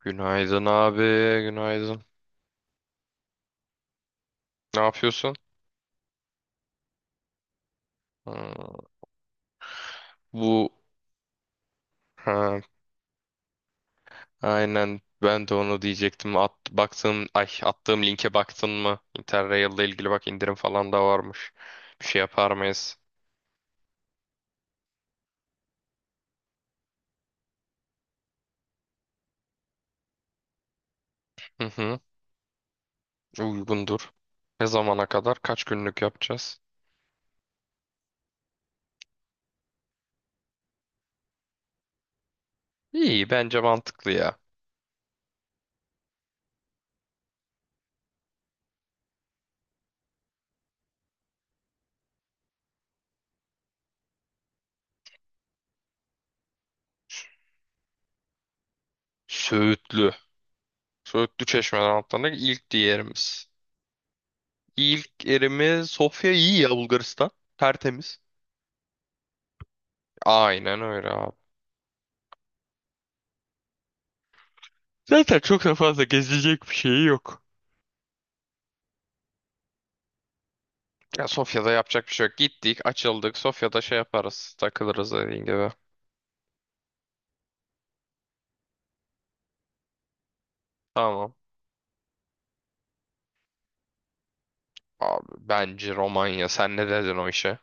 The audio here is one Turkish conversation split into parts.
Günaydın abi, günaydın. Ne yapıyorsun? Hmm. Bu, ha, aynen ben de onu diyecektim. At, baktım, ay attığım linke baktın mı? Interrail'le ilgili bak indirim falan da varmış. Bir şey yapar mıyız? Hı hı, uygundur. Ne zamana kadar? Kaç günlük yapacağız? İyi, bence mantıklı ya. Söğütlü. Söğütlü Çeşme'den atlandık. İlk yerimiz. İlk yerimiz Sofya iyi ya, Bulgaristan. Tertemiz. Aynen öyle abi. Zaten çok da fazla gezilecek bir şey yok. Ya Sofya'da yapacak bir şey yok. Gittik, açıldık. Sofya'da şey yaparız. Takılırız dediğin gibi. Tamam. Abi bence Romanya. Sen ne dedin o işe?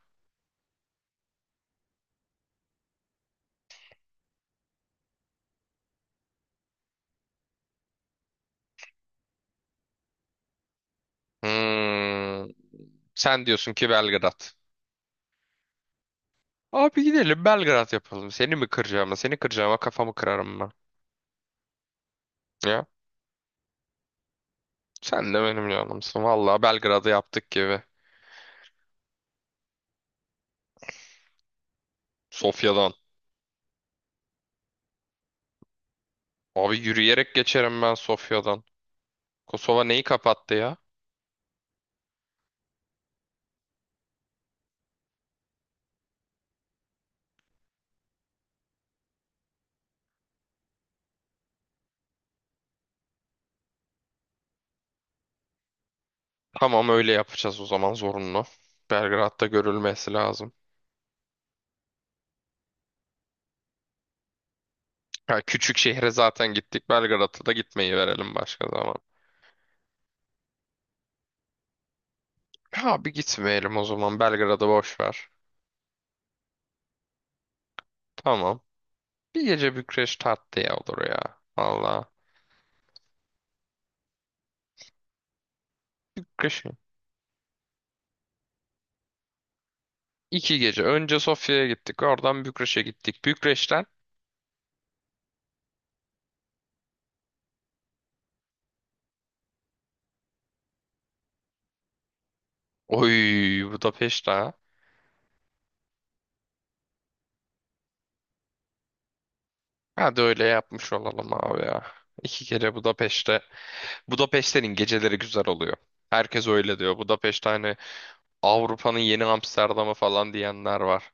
Hmm, sen diyorsun ki Belgrad. Abi gidelim Belgrad yapalım. Seni mi kıracağım? Seni kıracağıma kafamı kırarım ben. Ya sen de benim canımsın. Vallahi Belgrad'ı yaptık gibi. Sofya'dan. Abi yürüyerek geçerim ben Sofya'dan. Kosova neyi kapattı ya? Tamam öyle yapacağız o zaman, zorunlu. Belgrad'da görülmesi lazım. Ha, küçük şehre zaten gittik. Belgrad'a da gitmeyi verelim başka zaman. Ha bir gitmeyelim o zaman. Belgrad'ı boş ver. Tamam. Bir gece Bükreş tatlıya olur ya. Valla. Bükreş mi? İki gece. Önce Sofya'ya gittik. Oradan Bükreş'e gittik. Bükreş'ten. Oy, Budapeşte ha. Hadi öyle yapmış olalım abi ya. İki gece Budapeşte. Budapeşte'nin geceleri güzel oluyor. Herkes öyle diyor. Budapeşte hani Avrupa'nın yeni Amsterdam'ı falan diyenler var.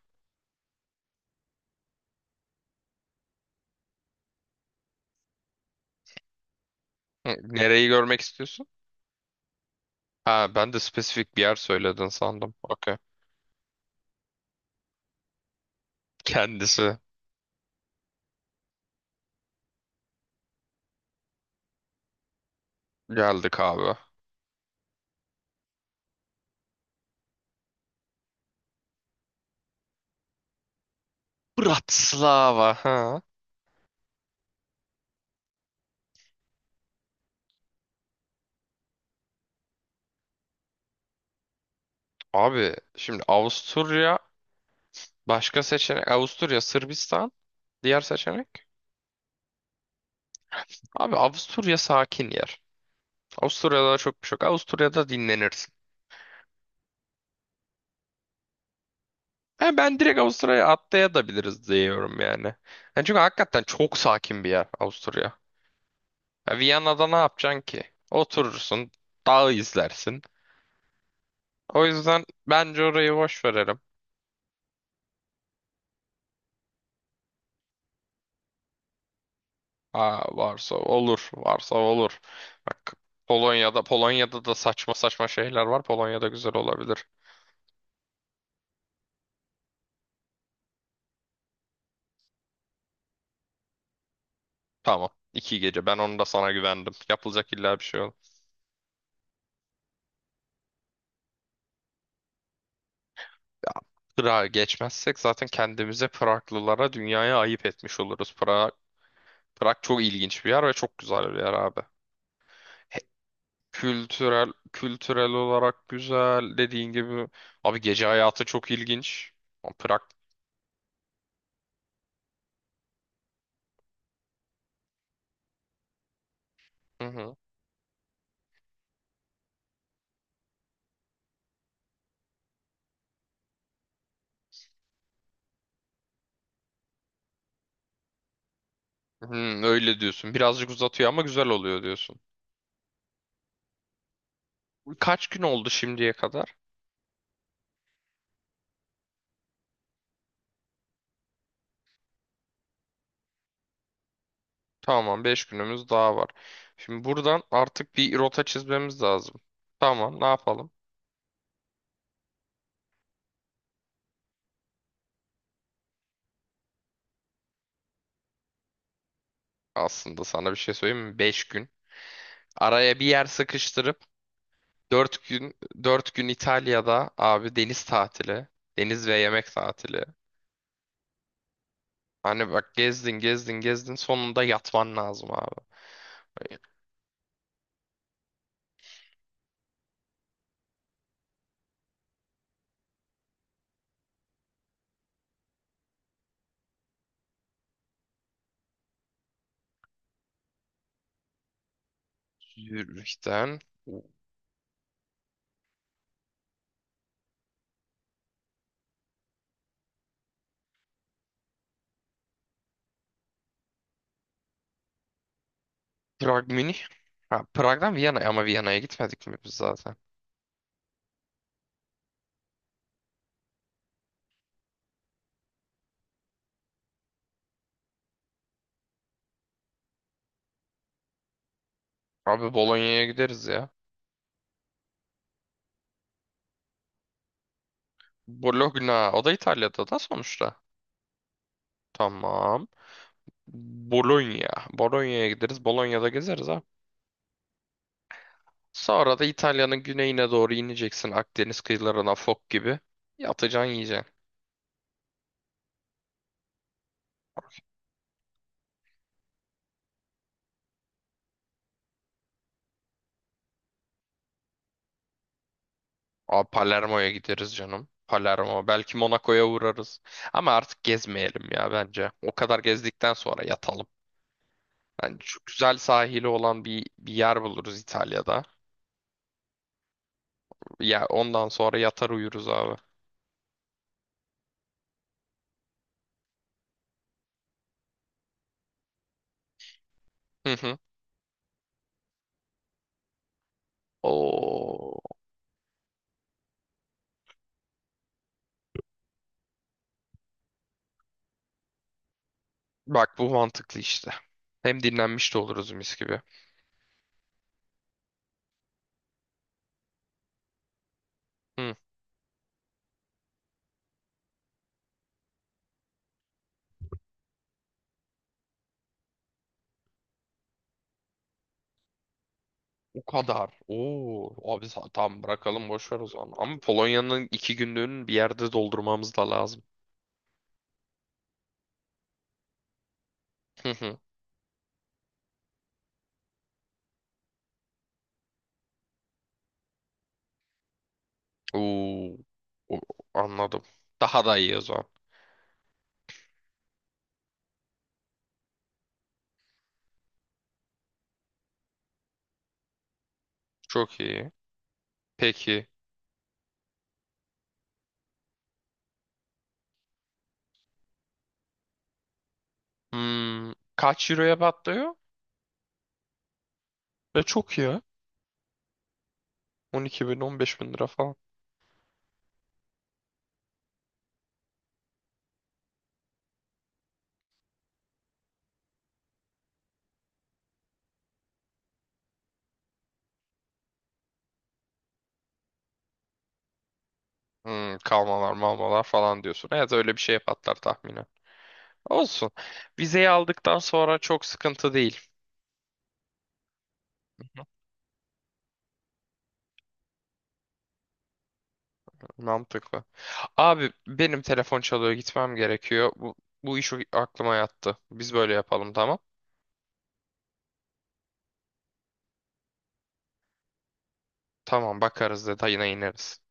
Hı, nereyi görmek istiyorsun? Ha ben de spesifik bir yer söyledin sandım. Okey. Kendisi geldik abi. Bratislava. Ha. Abi şimdi Avusturya başka seçenek. Avusturya, Sırbistan diğer seçenek. Abi Avusturya sakin yer. Avusturya'da çok bir şey yok. Avusturya'da dinlenirsin. Ha, ben direkt Avusturya'ya atlayabiliriz diyorum yani. Yani çünkü hakikaten çok sakin bir yer Avusturya. Ya Viyana'da ne yapacaksın ki? Oturursun, dağı izlersin. O yüzden bence orayı boş verelim. Aa, varsa olur, varsa olur. Bak Polonya'da, Polonya'da da saçma saçma şeyler var. Polonya'da güzel olabilir. Tamam, iki gece. Ben onu da sana güvendim. Yapılacak illa bir şey olur. Prag'a geçmezsek zaten kendimize, Praglılara, dünyaya ayıp etmiş oluruz. Prag çok ilginç bir yer ve çok güzel bir yer abi. Kültürel olarak güzel dediğin gibi. Abi gece hayatı çok ilginç. Ama Prag. Hı hı. Hı, öyle diyorsun. Birazcık uzatıyor ama güzel oluyor diyorsun. Kaç gün oldu şimdiye kadar? Tamam, beş günümüz daha var. Şimdi buradan artık bir rota çizmemiz lazım. Tamam, ne yapalım? Aslında sana bir şey söyleyeyim mi? 5 gün. Araya bir yer sıkıştırıp 4 gün, 4 gün İtalya'da abi deniz tatili, deniz ve yemek tatili. Hani bak gezdin gezdin gezdin sonunda yatman lazım abi. Zürih'ten Prag Münih. Ha, Prag'dan Viyana, ama Viyana'ya gitmedik mi biz zaten? Abi Bolonya'ya gideriz ya. Bologna o da İtalya'da da sonuçta. Tamam. Bologna. Bolonya'ya gideriz. Bolonya'da gezeriz ha. Sonra da İtalya'nın güneyine doğru ineceksin Akdeniz kıyılarına fok gibi. Yatacaksın yiyeceksin. Abi Palermo'ya gideriz canım. Palermo. Belki Monaco'ya uğrarız. Ama artık gezmeyelim ya bence. O kadar gezdikten sonra yatalım. Yani şu güzel sahili olan bir yer buluruz İtalya'da. Ya ondan sonra yatar uyuruz abi. Hı hı. Oo. Bak bu mantıklı işte. Hem dinlenmiş de oluruz mis gibi. Hı. O kadar. Oo. Tamam bırakalım boş ver o zaman. Ama Polonya'nın iki günlüğünü bir yerde doldurmamız da lazım. Oo, o- anladım. Daha da iyi o zaman. Çok iyi. Peki. Hmm, kaç euroya patlıyor? Ve çok iyi, ha. 12 bin, 15 bin lira falan. Hmm, kalmalar malmalar falan diyorsun. Evet öyle bir şeye patlar tahminen. Olsun. Vizeyi aldıktan sonra çok sıkıntı değil. Mantıklı. Abi benim telefon çalıyor gitmem gerekiyor. Bu iş aklıma yattı. Biz böyle yapalım tamam. Tamam bakarız detayına ineriz.